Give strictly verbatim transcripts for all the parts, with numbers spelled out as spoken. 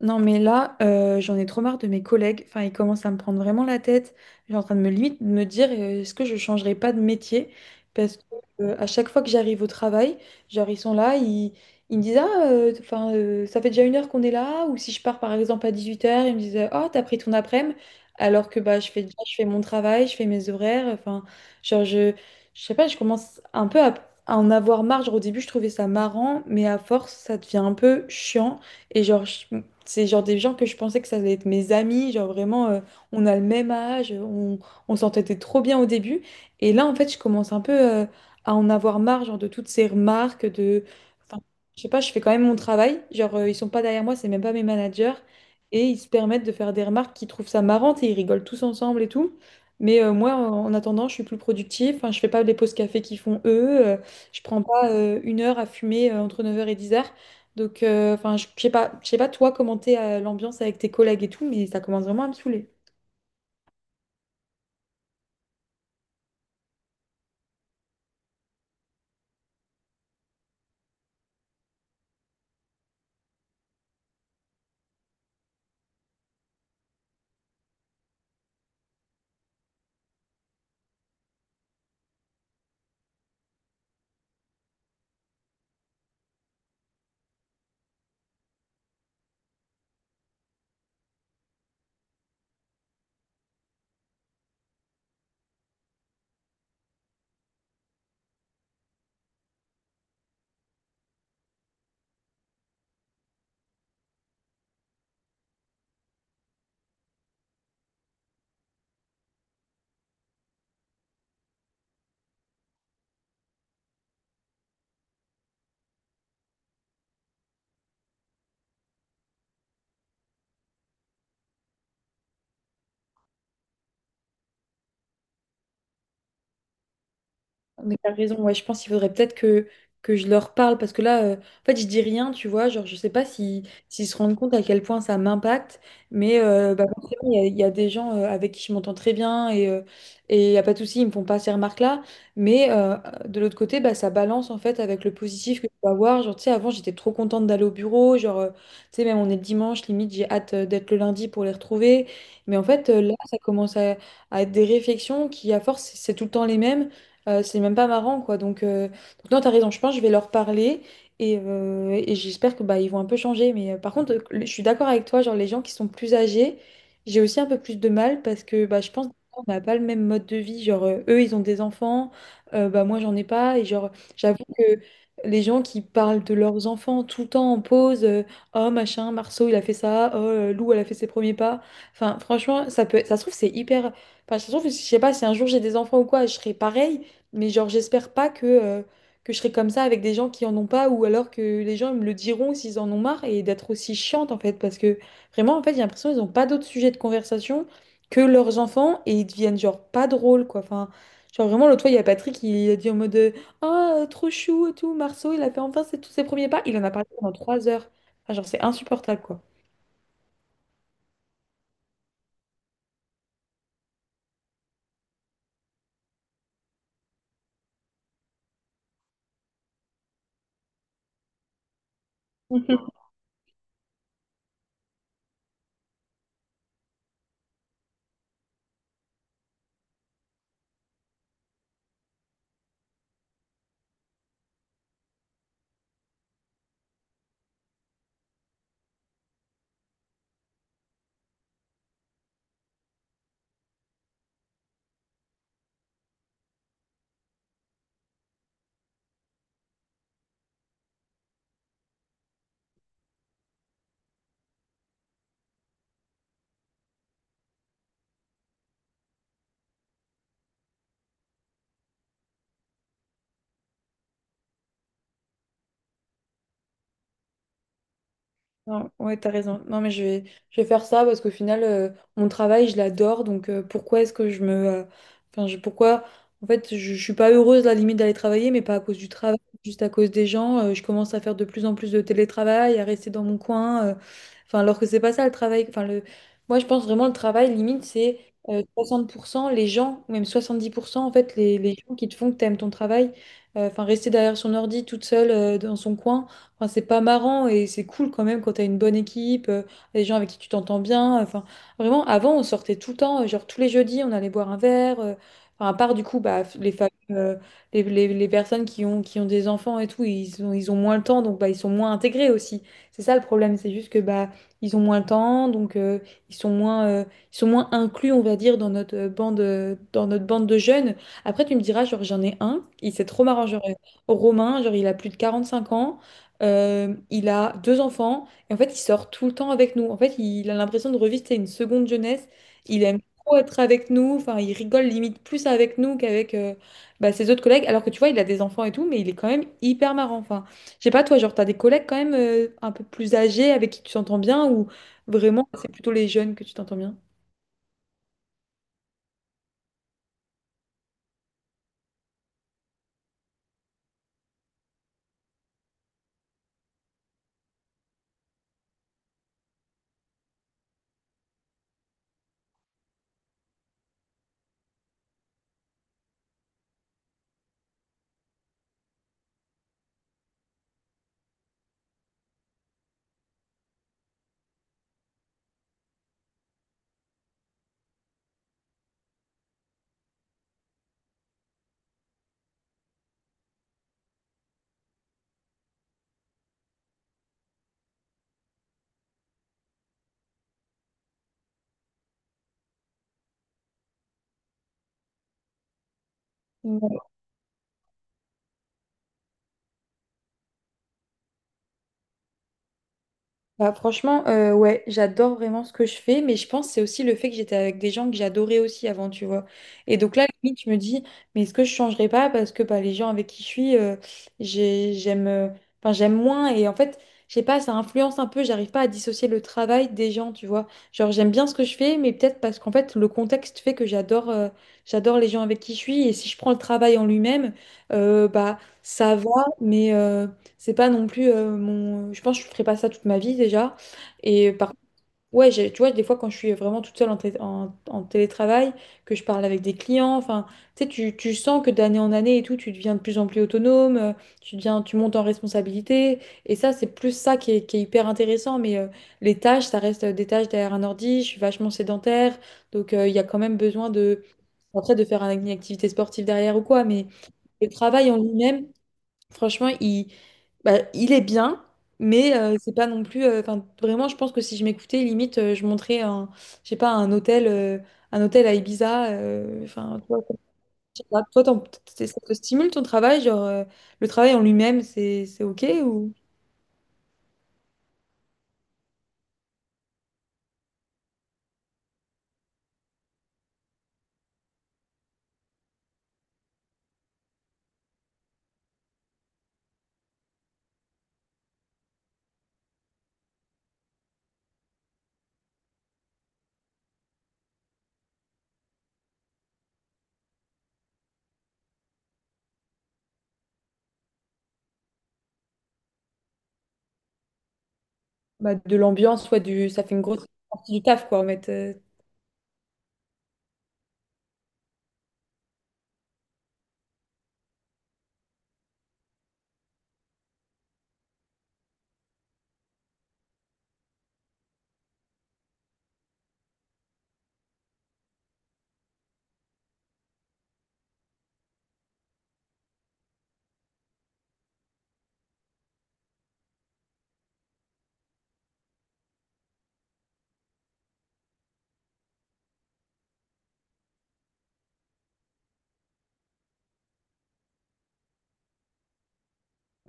Non, mais là, euh, j'en ai trop marre de mes collègues. Enfin, ils commencent à me prendre vraiment la tête. J'ai en train de me limite de me dire, euh, est-ce que je changerai pas de métier? Parce que euh, à chaque fois que j'arrive au travail, genre ils sont là, ils, ils me disent, ah, euh, enfin, euh, ça fait déjà une heure qu'on est là. Ou si je pars par exemple à dix-huit heures, ils me disent, euh, oh, t'as pris ton après-midi. Alors que bah, je fais déjà, je fais mon travail, je fais mes horaires. Enfin, genre je, je sais pas, je commence un peu à, à en avoir marre. Genre au début, je trouvais ça marrant, mais à force, ça devient un peu chiant. Et genre, je- c'est genre des gens que je pensais que ça allait être mes amis, genre vraiment, euh, on a le même âge, on, on s'entendait trop bien au début. Et là, en fait, je commence un peu euh, à en avoir marre, genre de toutes ces remarques, de... Enfin, je sais pas, je fais quand même mon travail, genre euh, ils sont pas derrière moi, c'est même pas mes managers, et ils se permettent de faire des remarques qu'ils trouvent ça marrante et ils rigolent tous ensemble et tout. Mais euh, moi, en en attendant, je suis plus productive, enfin, je fais pas les pauses café qu'ils font eux, euh, je prends pas euh, une heure à fumer euh, entre neuf heures et dix heures donc, euh, enfin, je je sais pas, je sais pas toi comment t'es euh, l'ambiance avec tes collègues et tout, mais ça commence vraiment à me saouler. Mais t'as raison, ouais, je pense qu'il faudrait peut-être que, que je leur parle parce que là, euh, en fait, je dis rien, tu vois, genre, je sais pas si, s'ils se rendent compte à quel point ça m'impacte, mais euh, bah, forcément, il y, a il y a des gens euh, avec qui je m'entends très bien et euh, et il n'y a pas de souci, ils me font pas ces remarques-là, mais euh, de l'autre côté, bah, ça balance en fait avec le positif que je peux avoir. Genre, tu sais, avant, j'étais trop contente d'aller au bureau, genre, euh, tu sais, même on est le dimanche, limite, j'ai hâte euh, d'être le lundi pour les retrouver, mais en fait, euh, là, ça commence à, à être des réflexions qui, à force, c'est tout le temps les mêmes. Euh, c'est même pas marrant, quoi. Donc, euh, donc non, t'as raison. Je pense que je vais leur parler et, euh, et j'espère que bah, ils vont un peu changer. Mais euh, par contre, euh, je suis d'accord avec toi. Genre, les gens qui sont plus âgés, j'ai aussi un peu plus de mal parce que bah, je pense qu'on n'a pas le même mode de vie. Genre, euh, eux, ils ont des enfants. Euh, bah, moi, j'en ai pas. Et genre, j'avoue que les gens qui parlent de leurs enfants tout le temps en pause, euh, oh machin, Marceau, il a fait ça. Oh, euh, Lou, elle a fait ses premiers pas. Enfin, franchement, ça peut, ça se trouve, c'est hyper. Enfin, ça se trouve, je sais pas, si un jour j'ai des enfants ou quoi, je serai pareil. Mais genre, j'espère pas que, euh, que je serai comme ça avec des gens qui en ont pas ou alors que les gens me le diront s'ils en ont marre et d'être aussi chiante en fait. Parce que vraiment, en fait, j'ai l'impression qu'ils n'ont pas d'autres sujets de conversation que leurs enfants et ils deviennent genre pas drôles quoi. Enfin, genre vraiment, l'autre fois, il y a Patrick, il a dit en mode euh, ah, trop chou et tout, Marceau, il a fait enfin ses- tous ses premiers pas. Il en a parlé pendant trois heures. Enfin, genre, c'est insupportable quoi. Non, ouais, t'as raison. Non, mais je vais, je vais faire ça parce qu'au final, euh, mon travail, je l'adore. Donc, euh, pourquoi est-ce que je me. euh, Enfin, je, pourquoi. En fait, je, je suis pas heureuse, à la limite, d'aller travailler, mais pas à cause du travail, juste à cause des gens. Euh, je commence à faire de plus en plus de télétravail, à rester dans mon coin. euh, Enfin, alors que c'est pas ça le travail. Enfin, le... Moi, je pense vraiment le travail, limite, c'est euh, soixante pour cent les gens, ou même soixante-dix pour cent, en fait, les, les gens qui te font que t'aimes ton travail. Euh, Enfin, rester derrière son ordi toute seule euh, dans son coin. Enfin, c'est pas marrant et c'est cool quand même quand t'as une bonne équipe, euh, des gens avec qui tu t'entends bien. Enfin, vraiment, avant, on sortait tout le temps, euh, genre tous les jeudis, on allait boire un verre. Euh, enfin, à part du coup, bah, les, familles, euh, les, les- les personnes qui ont, qui ont des enfants et tout, ils ont, ils ont moins le temps, donc bah, ils sont moins intégrés aussi. C'est ça le problème, c'est juste que bah, ils ont moins le temps, donc euh, ils sont moins, euh, ils sont moins inclus, on va dire, dans notre euh, bande, euh, dans notre bande de jeunes. Après, tu me diras, genre, j'en ai un, il c'est trop marrant, genre, euh, Romain, genre, il a plus de quarante-cinq ans. Euh, il a deux enfants et en fait, il sort tout le temps avec nous. En fait, il a l'impression de revivre c'est une seconde jeunesse. Il aime trop être avec nous. Enfin, il rigole limite plus avec nous qu'avec euh, bah, ses autres collègues. Alors que tu vois, il a des enfants et tout, mais il est quand même hyper marrant. Enfin, je sais pas, toi, genre, t'as des collègues quand même euh, un peu plus âgés avec qui tu t'entends bien ou vraiment c'est plutôt les jeunes que tu t'entends bien? Bah, franchement, euh, ouais, j'adore vraiment ce que je fais, mais je pense que c'est aussi le fait que j'étais avec des gens que j'adorais aussi avant, tu vois. Et donc là, à la limite, je me dis, mais est-ce que je changerais pas parce que bah, les gens avec qui je suis, euh, j'ai- j'aime, euh, enfin, j'aime moins. Et en fait, je sais pas, ça influence un peu, j'arrive pas à dissocier le travail des gens, tu vois. Genre, j'aime bien ce que je fais, mais peut-être parce qu'en fait, le contexte fait que j'adore euh, j'adore les gens avec qui je suis. Et si je prends le travail en lui-même, euh, bah, ça va, mais... euh, c'est pas non plus euh, mon. Je pense que je ferai pas ça toute ma vie déjà. Et par ouais, j'ai- tu vois, des fois quand je suis vraiment toute seule en, télé- en- en télétravail, que je parle avec des clients, enfin, tu sais, tu, tu sens que d'année en année et tout, tu deviens de plus en plus autonome, euh, tu deviens, tu montes en responsabilité. Et ça, c'est plus ça qui est, qui est hyper intéressant. Mais euh, les tâches, ça reste euh, des tâches derrière un ordi. Je suis vachement sédentaire, donc euh, il y a quand même besoin de après de faire un- une activité sportive derrière ou quoi. Mais le travail en lui-même, franchement, il bah, il est bien, mais euh, c'est pas non plus. euh, Enfin, vraiment, je pense que si je m'écoutais, limite, euh, je montrais un, je sais pas, un hôtel, euh, un hôtel à Ibiza. euh, Enfin, toi, je sais pas, toi, t'en- c'est- ça te stimule ton travail, genre euh, le travail en lui-même, c'est c'est ok ou bah, de l'ambiance, soit du, ça fait une grosse partie du taf, quoi, en fait. euh.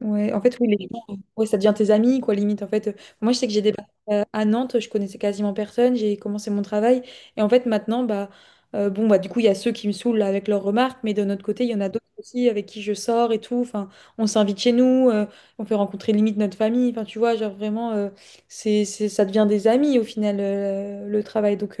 Ouais, en fait, oui, les gens, euh, ouais, ça devient tes amis, quoi, limite. En fait, Euh, moi, je sais que j'ai débarqué euh, à Nantes, je connaissais quasiment personne, j'ai commencé mon travail. Et en fait, maintenant, bah, euh, bon, bah, du coup, il y a ceux qui me saoulent là, avec leurs remarques, mais de notre côté, il y en a d'autres aussi avec qui je sors et tout. Enfin, on s'invite chez nous, euh, on fait rencontrer limite notre famille. Enfin, tu vois, genre vraiment, euh, c'est, c'est, ça devient des amis au final, euh, le travail. Donc,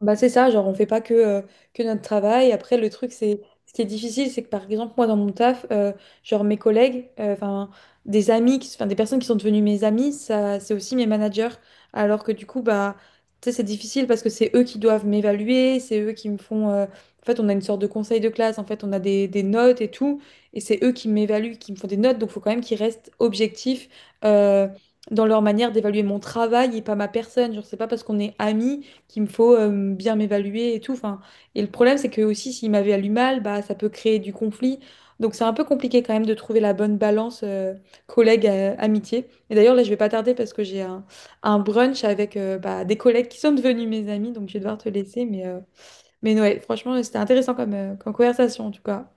bah c'est ça, genre on fait pas que, euh, que notre travail. Après, le truc, c'est ce qui est difficile, c'est que par exemple, moi dans mon taf, euh, genre mes collègues, euh, enfin des amis, qui- 'fin, des personnes qui sont devenues mes amis, ça c'est aussi mes managers. Alors que du coup, bah tu sais, c'est difficile parce que c'est eux qui doivent m'évaluer, c'est eux qui me font. euh, En fait, on a une sorte de conseil de classe, en fait, on a des, des notes et tout, et c'est eux qui m'évaluent, qui me font des notes, donc il faut quand même qu'ils restent objectifs. euh, Dans leur manière d'évaluer mon travail et pas ma personne. Genre, c'est pas parce qu'on est amis qu'il me faut euh, bien m'évaluer et tout. Enfin, et le problème, c'est que aussi, s'il m'évalue mal, bah, ça peut créer du conflit. Donc, c'est un peu compliqué quand même de trouver la bonne balance collègue-amitié. Et d'ailleurs, là, je vais pas tarder parce que j'ai un, un brunch avec euh, bah, des collègues qui sont devenus mes amis. Donc, je vais devoir te laisser. Mais, euh, mais ouais, franchement, c'était intéressant comme, euh, comme conversation, en tout cas.